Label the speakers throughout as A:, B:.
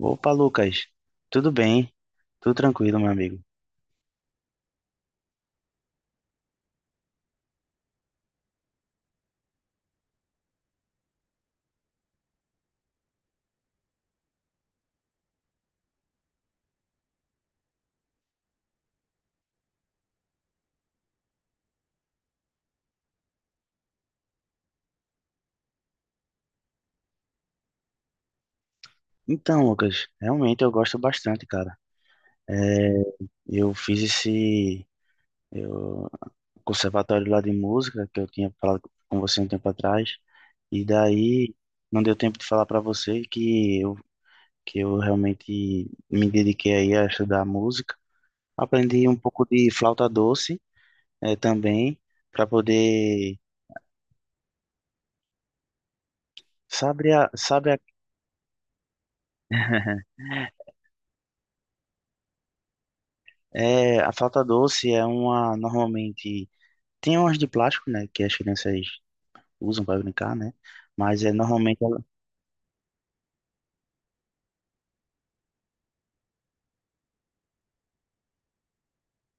A: Opa, Lucas. Tudo bem? Tudo tranquilo, meu amigo. Então, Lucas, realmente eu gosto bastante, cara. É, eu fiz eu, conservatório lá de música que eu tinha falado com você um tempo atrás, e daí não deu tempo de falar para você que eu realmente me dediquei aí a estudar música. Aprendi um pouco de flauta doce também, para poder. Sabe a, a flauta doce é uma, normalmente. Tem umas de plástico, né, que as crianças usam para brincar, né? Mas é normalmente ela.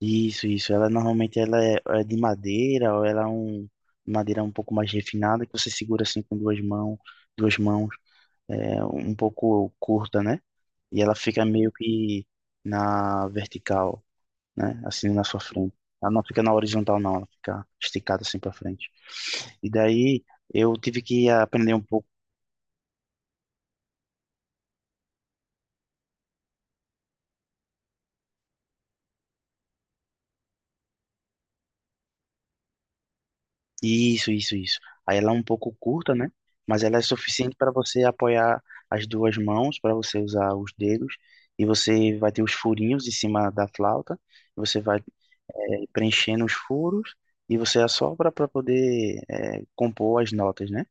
A: Isso, ela normalmente ela é de madeira ou ela é um madeira um pouco mais refinada que você segura assim com duas mãos, é um pouco curta, né? E ela fica meio que na vertical, né? Assim na sua frente. Ela não fica na horizontal não, ela fica esticada assim para frente. E daí eu tive que aprender um pouco. Isso, isso, isso. Aí ela é um pouco curta, né? Mas ela é suficiente para você apoiar as duas mãos, para você usar os dedos, e você vai ter os furinhos em cima da flauta, você vai preenchendo os furos e você assopra para poder compor as notas, né?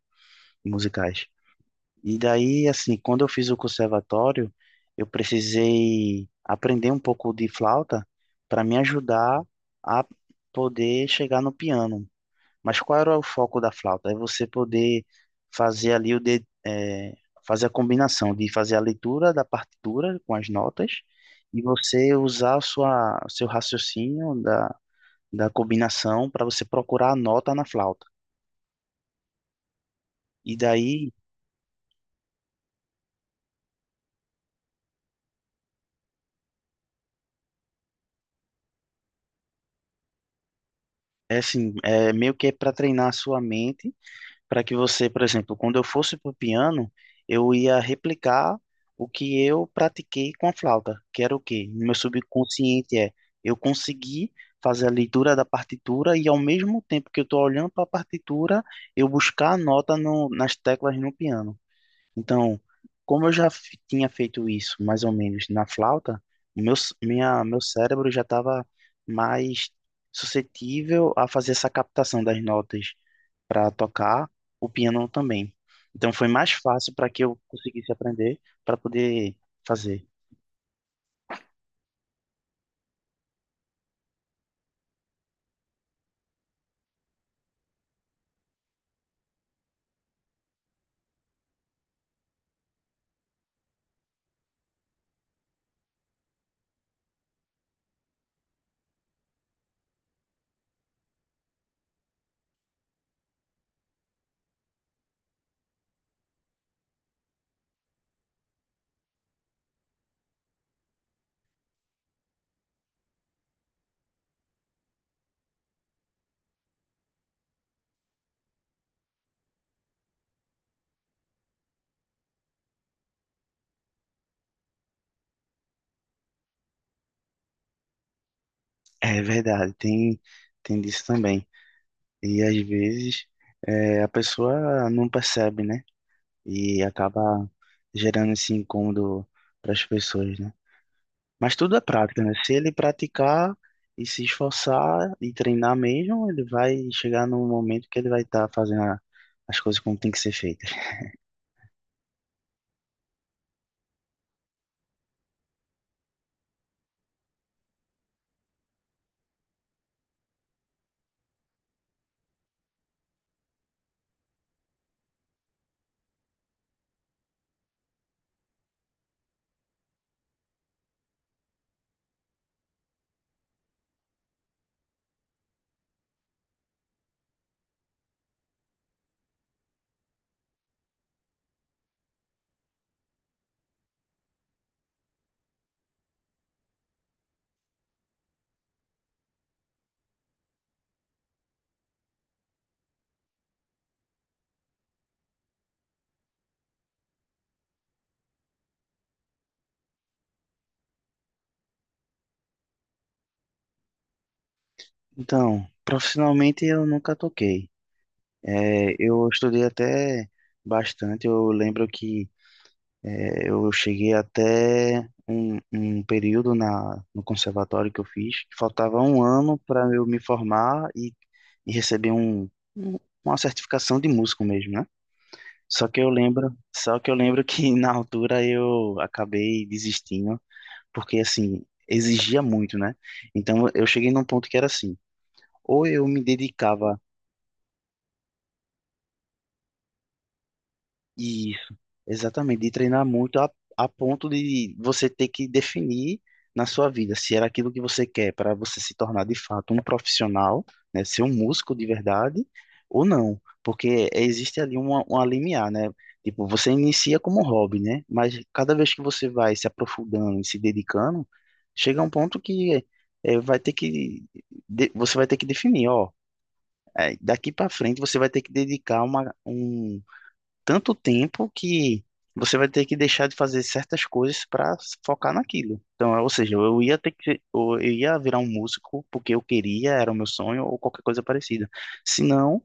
A: Musicais. E daí, assim, quando eu fiz o conservatório, eu precisei aprender um pouco de flauta para me ajudar a poder chegar no piano. Mas qual era o foco da flauta? É você poder fazer ali fazer a combinação de fazer a leitura da partitura com as notas e você usar a sua seu raciocínio da combinação para você procurar a nota na flauta. E daí, é assim, é meio que é para treinar a sua mente para que você, por exemplo, quando eu fosse para o piano, eu ia replicar o que eu pratiquei com a flauta, que era o quê? No meu subconsciente eu consegui fazer a leitura da partitura e ao mesmo tempo que eu estou olhando para a partitura, eu buscar a nota no, nas teclas no piano. Então, como eu já tinha feito isso mais ou menos na flauta, o meu, c- minha, meu cérebro já estava mais suscetível a fazer essa captação das notas para tocar o piano também. Então, foi mais fácil para que eu conseguisse aprender para poder fazer. É verdade, tem disso também. E às vezes a pessoa não percebe, né? E acaba gerando esse incômodo para as pessoas, né? Mas tudo é prática, né? Se ele praticar e se esforçar e treinar mesmo, ele vai chegar num momento que ele vai estar fazendo as coisas como tem que ser feitas. Então, profissionalmente eu nunca toquei. É, eu estudei até bastante. Eu lembro que eu cheguei até um, período na, no conservatório que eu fiz, que faltava um ano para eu me formar e, receber um- uma certificação de músico mesmo, né? Só que eu lembro, que na altura eu acabei desistindo, porque assim, exigia muito, né? Então eu cheguei num ponto que era assim, ou eu me dedicava. Isso, exatamente, de treinar muito a ponto de você ter que definir na sua vida se era aquilo que você quer para você se tornar de fato um profissional, né, ser um músico de verdade ou não, porque existe ali uma, limiar, né? Tipo, você inicia como hobby, né? Mas cada vez que você vai se aprofundando e se dedicando, chega um ponto que vai ter que você vai ter que definir, ó, daqui para frente você vai ter que dedicar um tanto tempo que você vai ter que deixar de fazer certas coisas para focar naquilo. Então, ou seja, eu ia virar um músico porque eu queria, era o meu sonho ou qualquer coisa parecida. Senão,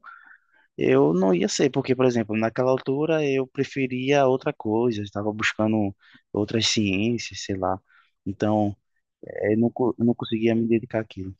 A: eu não ia ser, porque, por exemplo, naquela altura eu preferia outra coisa, eu estava buscando outras ciências, sei lá. Então, eu não conseguia me dedicar àquilo.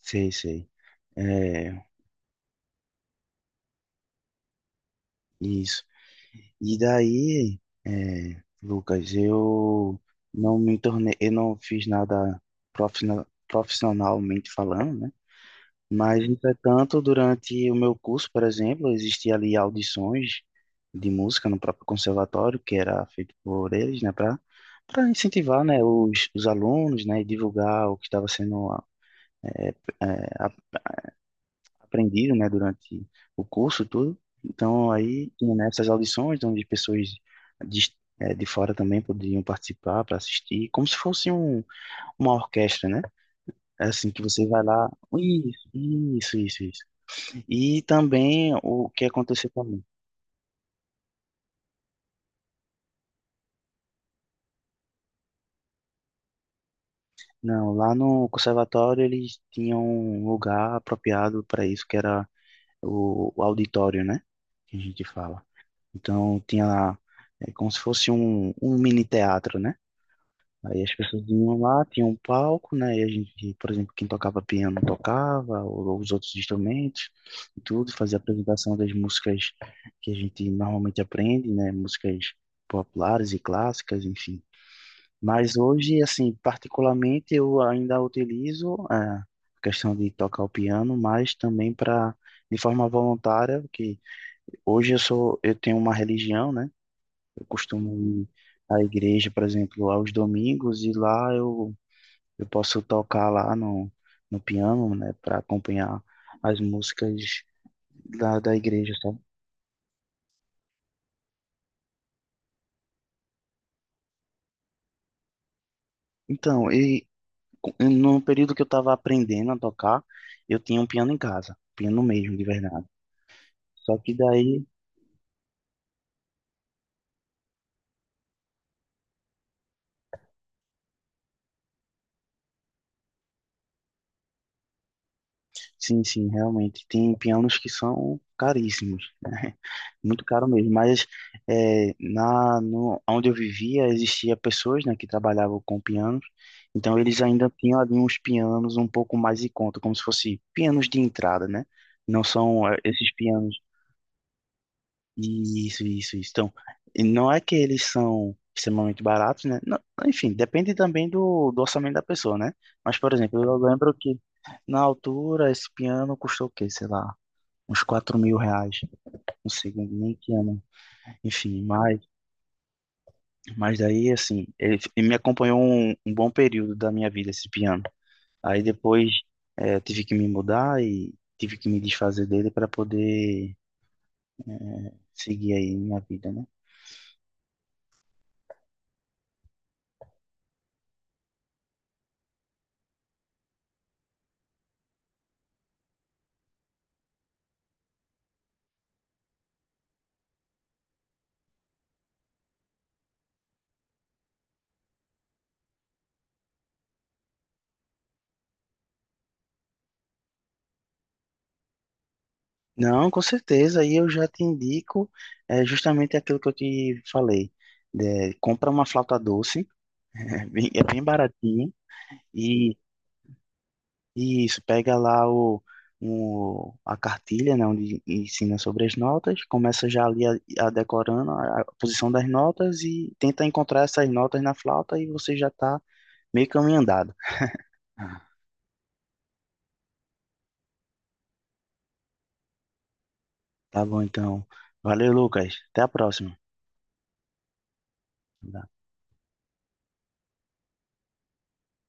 A: Sei, sei. É, isso. E daí, Lucas, eu não me tornei, eu não fiz nada profissionalmente falando, né? Mas, entretanto, durante o meu curso, por exemplo, existia ali audições de música no próprio conservatório, que era feito por eles, né, para incentivar, né, os alunos, né, e divulgar o que estava sendo é, aprendido, né, durante o curso todo. Então, aí, tinha, né, essas audições onde pessoas de, de fora também poderiam participar para assistir, como se fosse uma orquestra, né? É assim, que você vai lá. Isso, isso, isso, isso. E também o que aconteceu também. Não, lá no conservatório eles tinham um lugar apropriado para isso, que era o auditório, né? Que a gente fala. Então, tinha lá, é como se fosse um, mini teatro, né? Aí as pessoas iam lá, tinha um palco, né? E a gente, por exemplo, quem tocava piano tocava, ou os outros instrumentos, e tudo, fazia a apresentação das músicas que a gente normalmente aprende, né? Músicas populares e clássicas, enfim. Mas hoje, assim, particularmente, eu ainda utilizo a questão de tocar o piano, mas também para, de forma voluntária, porque hoje eu tenho uma religião, né? Eu costumo ir à igreja, por exemplo, aos domingos, e lá eu posso tocar lá no, piano, né, para acompanhar as músicas da igreja, sabe? Então, no período que eu estava aprendendo a tocar, eu tinha um piano em casa, piano mesmo, de verdade. Só que daí. Sim, sim, realmente. Tem pianos que são caríssimos, né? Muito caro mesmo. Mas na, no, onde eu vivia, existia pessoas, né, que trabalhavam com pianos. Então, eles ainda tinham ali uns pianos um pouco mais em conta, como se fosse pianos de entrada, né? Não são esses pianos. Isso, isso, isso. Então, e não é que eles são extremamente baratos, né? Não, enfim, depende também do orçamento da pessoa, né? Mas, por exemplo, eu lembro que na altura esse piano custou o quê? Sei lá, uns R$ 4.000. Não sei nem que ano. Enfim, mas, daí, assim, ele, me acompanhou um bom período da minha vida, esse piano. Aí depois eu tive que me mudar e tive que me desfazer dele para poder seguir aí minha vida, né? Não, com certeza. E eu já te indico justamente aquilo que eu te falei. Né, compra uma flauta doce, é bem baratinho. E, e isso, pega lá a cartilha, né, onde ensina sobre as notas. Começa já ali a decorando a posição das notas e tenta encontrar essas notas na flauta e você já está meio caminho andado. Ah, tá bom, então. Valeu, Lucas. Até a próxima.